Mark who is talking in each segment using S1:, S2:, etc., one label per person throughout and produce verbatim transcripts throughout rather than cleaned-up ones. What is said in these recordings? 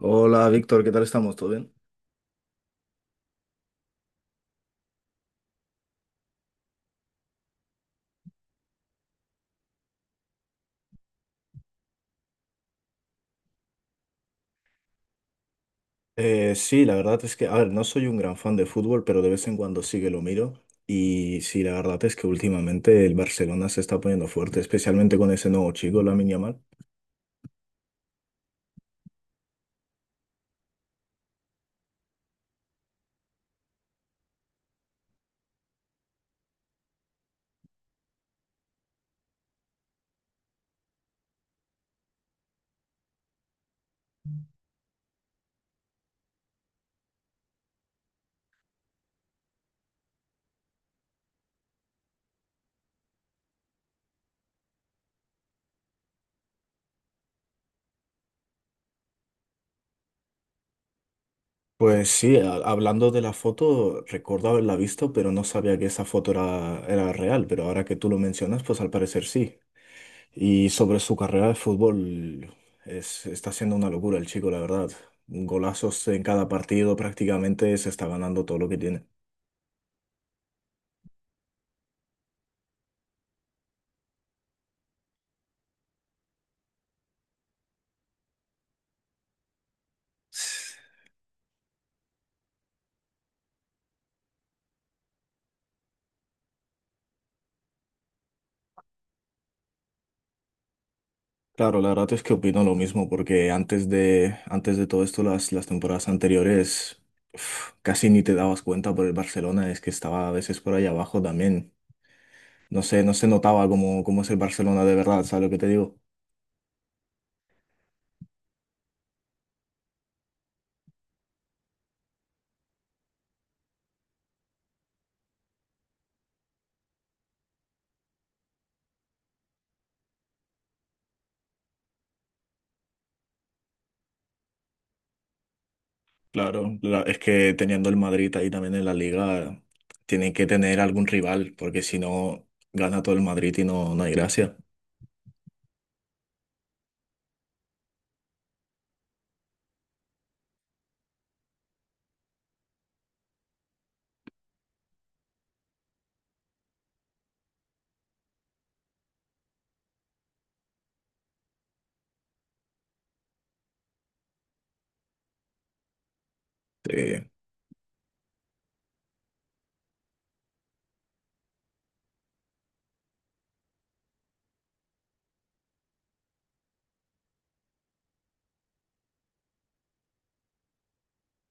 S1: Hola Víctor, ¿qué tal estamos? ¿Todo bien? Eh, sí, la verdad es que, a ver, no soy un gran fan de fútbol, pero de vez en cuando sí que lo miro. Y sí, la verdad es que últimamente el Barcelona se está poniendo fuerte, especialmente con ese nuevo chico, Lamine Yamal. Pues sí, a- hablando de la foto, recuerdo haberla visto, pero no sabía que esa foto era, era real. Pero ahora que tú lo mencionas, pues al parecer sí. Y sobre su carrera de fútbol, es, está siendo una locura el chico, la verdad. Golazos en cada partido, prácticamente se está ganando todo lo que tiene. Claro, la verdad es que opino lo mismo, porque antes de, antes de todo esto, las, las temporadas anteriores uf, casi ni te dabas cuenta por el Barcelona, es que estaba a veces por ahí abajo también. No sé, no se notaba cómo, cómo es el Barcelona de verdad, ¿sabes lo que te digo? Claro, la- es que teniendo el Madrid ahí también en la liga, tienen que tener algún rival, porque si no, gana todo el Madrid y no, no hay gracia.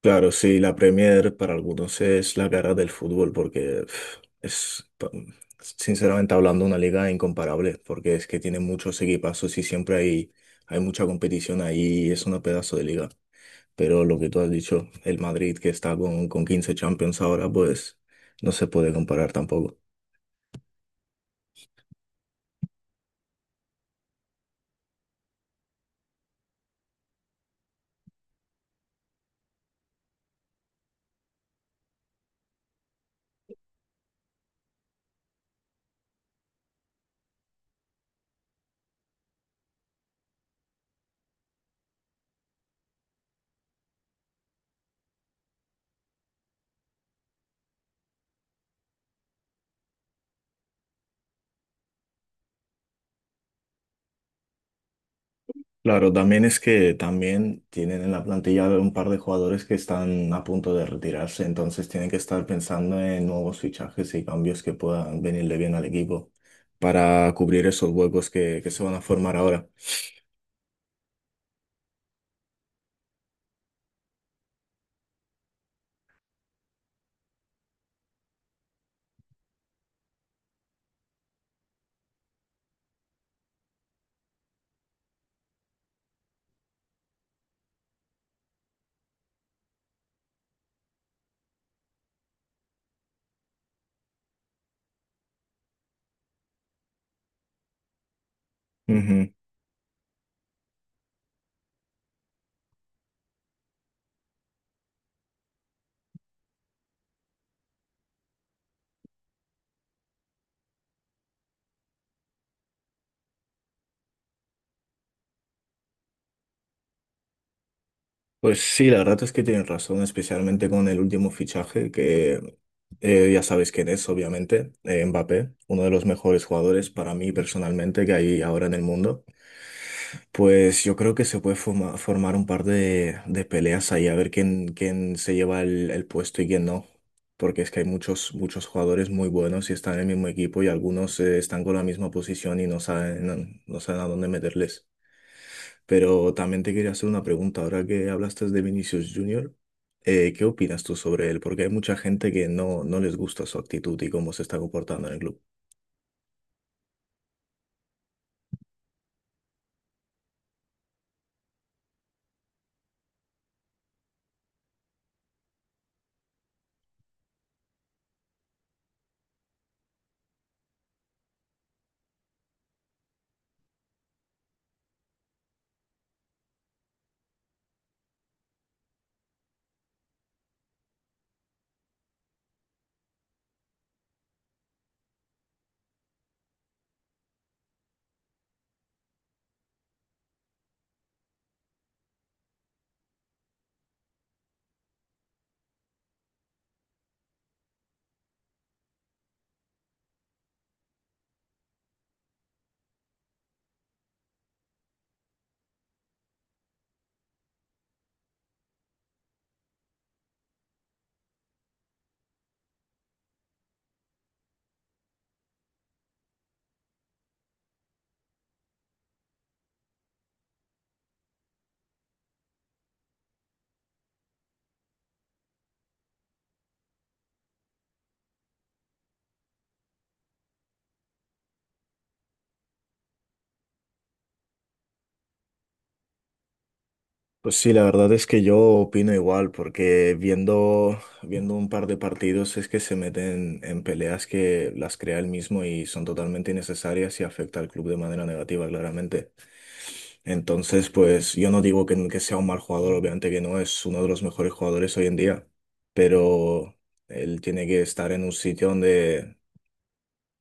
S1: Claro, sí, la Premier para algunos es la cara del fútbol porque pf, es, pa- sinceramente hablando, una liga incomparable porque es que tiene muchos equipazos y siempre hay, hay mucha competición ahí y es una pedazo de liga. Pero lo que tú has dicho, el Madrid que está con, con quince Champions ahora, pues no se puede comparar tampoco. Claro, también es que también tienen en la plantilla un par de jugadores que están a punto de retirarse, entonces tienen que estar pensando en nuevos fichajes y cambios que puedan venirle bien al equipo para cubrir esos huecos que, que se van a formar ahora. Ujú. Pues sí, la verdad es que tienen razón, especialmente con el último fichaje, que eh, ya sabes quién es, obviamente, eh, Mbappé, uno de los mejores jugadores para mí personalmente que hay ahora en el mundo. Pues yo creo que se puede forma- formar un par de, de peleas ahí, a ver quién, quién se lleva el, el puesto y quién no. Porque es que hay muchos, muchos jugadores muy buenos y están en el mismo equipo y algunos eh, están con la misma posición y no saben, no no saben a dónde meterles. Pero también te quería hacer una pregunta, ahora que hablaste de Vinicius Junior, eh, ¿qué opinas tú sobre él? Porque hay mucha gente que no, no les gusta su actitud y cómo se está comportando en el club. Pues sí, la verdad es que yo opino igual, porque viendo, viendo un par de partidos es que se meten en peleas que las crea él mismo y son totalmente innecesarias y afecta al club de manera negativa, claramente. Entonces, pues yo no digo que, que sea un mal jugador, obviamente que no, es uno de los mejores jugadores hoy en día, pero él tiene que estar en un sitio donde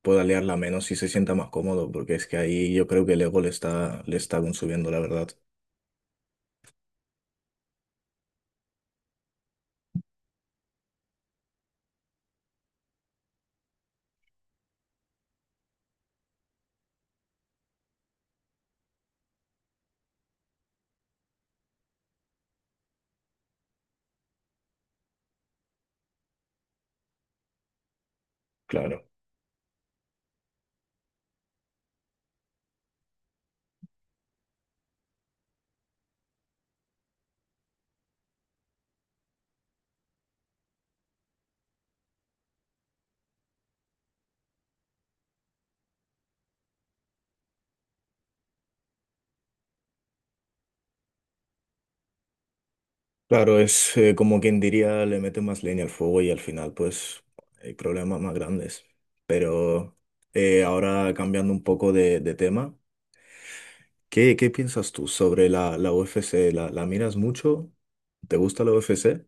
S1: pueda liarla menos y se sienta más cómodo, porque es que ahí yo creo que el ego le está, le está consumiendo, la verdad. Claro. Claro, es eh, como quien diría, le mete más leña al fuego y al final pues hay problemas más grandes. Pero eh, ahora cambiando un poco de, de tema, ¿qué, qué piensas tú sobre la, la U F C? ¿La, la miras mucho? ¿Te gusta la U F C?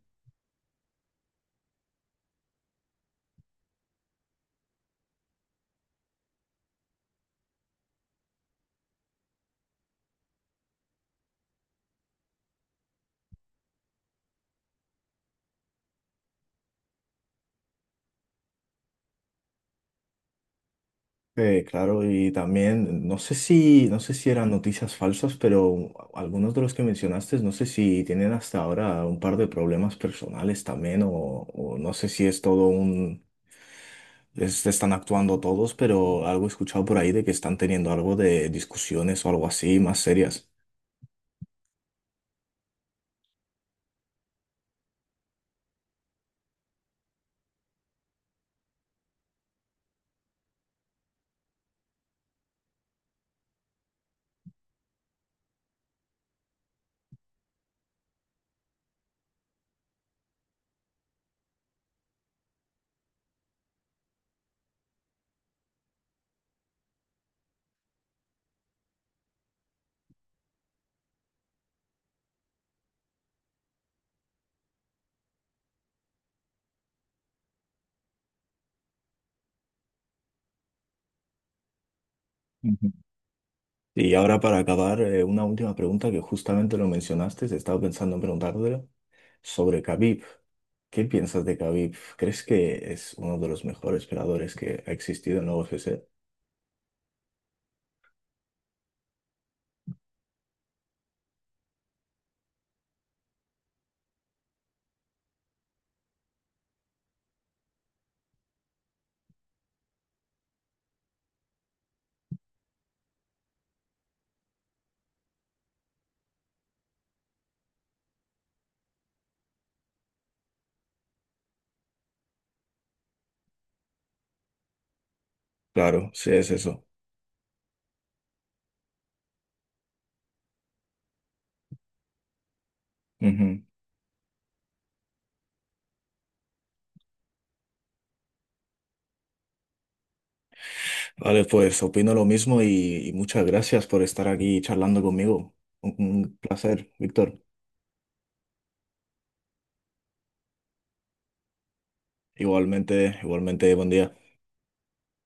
S1: Eh, claro, y también no sé si, no sé si eran noticias falsas, pero algunos de los que mencionaste, no sé si tienen hasta ahora un par de problemas personales también, o, o no sé si es todo un... Es- están actuando todos, pero algo he escuchado por ahí de que están teniendo algo de discusiones o algo así más serias. Ujú. Y ahora para acabar, eh, una última pregunta que justamente lo mencionaste, estaba pensando en preguntártelo sobre Khabib. ¿Qué piensas de Khabib? ¿Crees que es uno de los mejores peleadores que ha existido en la U F C? Claro, sí es eso. Ujú. Vale, pues opino lo mismo y, y muchas gracias por estar aquí charlando conmigo. Un, un placer, Víctor. Igualmente, igualmente, buen día.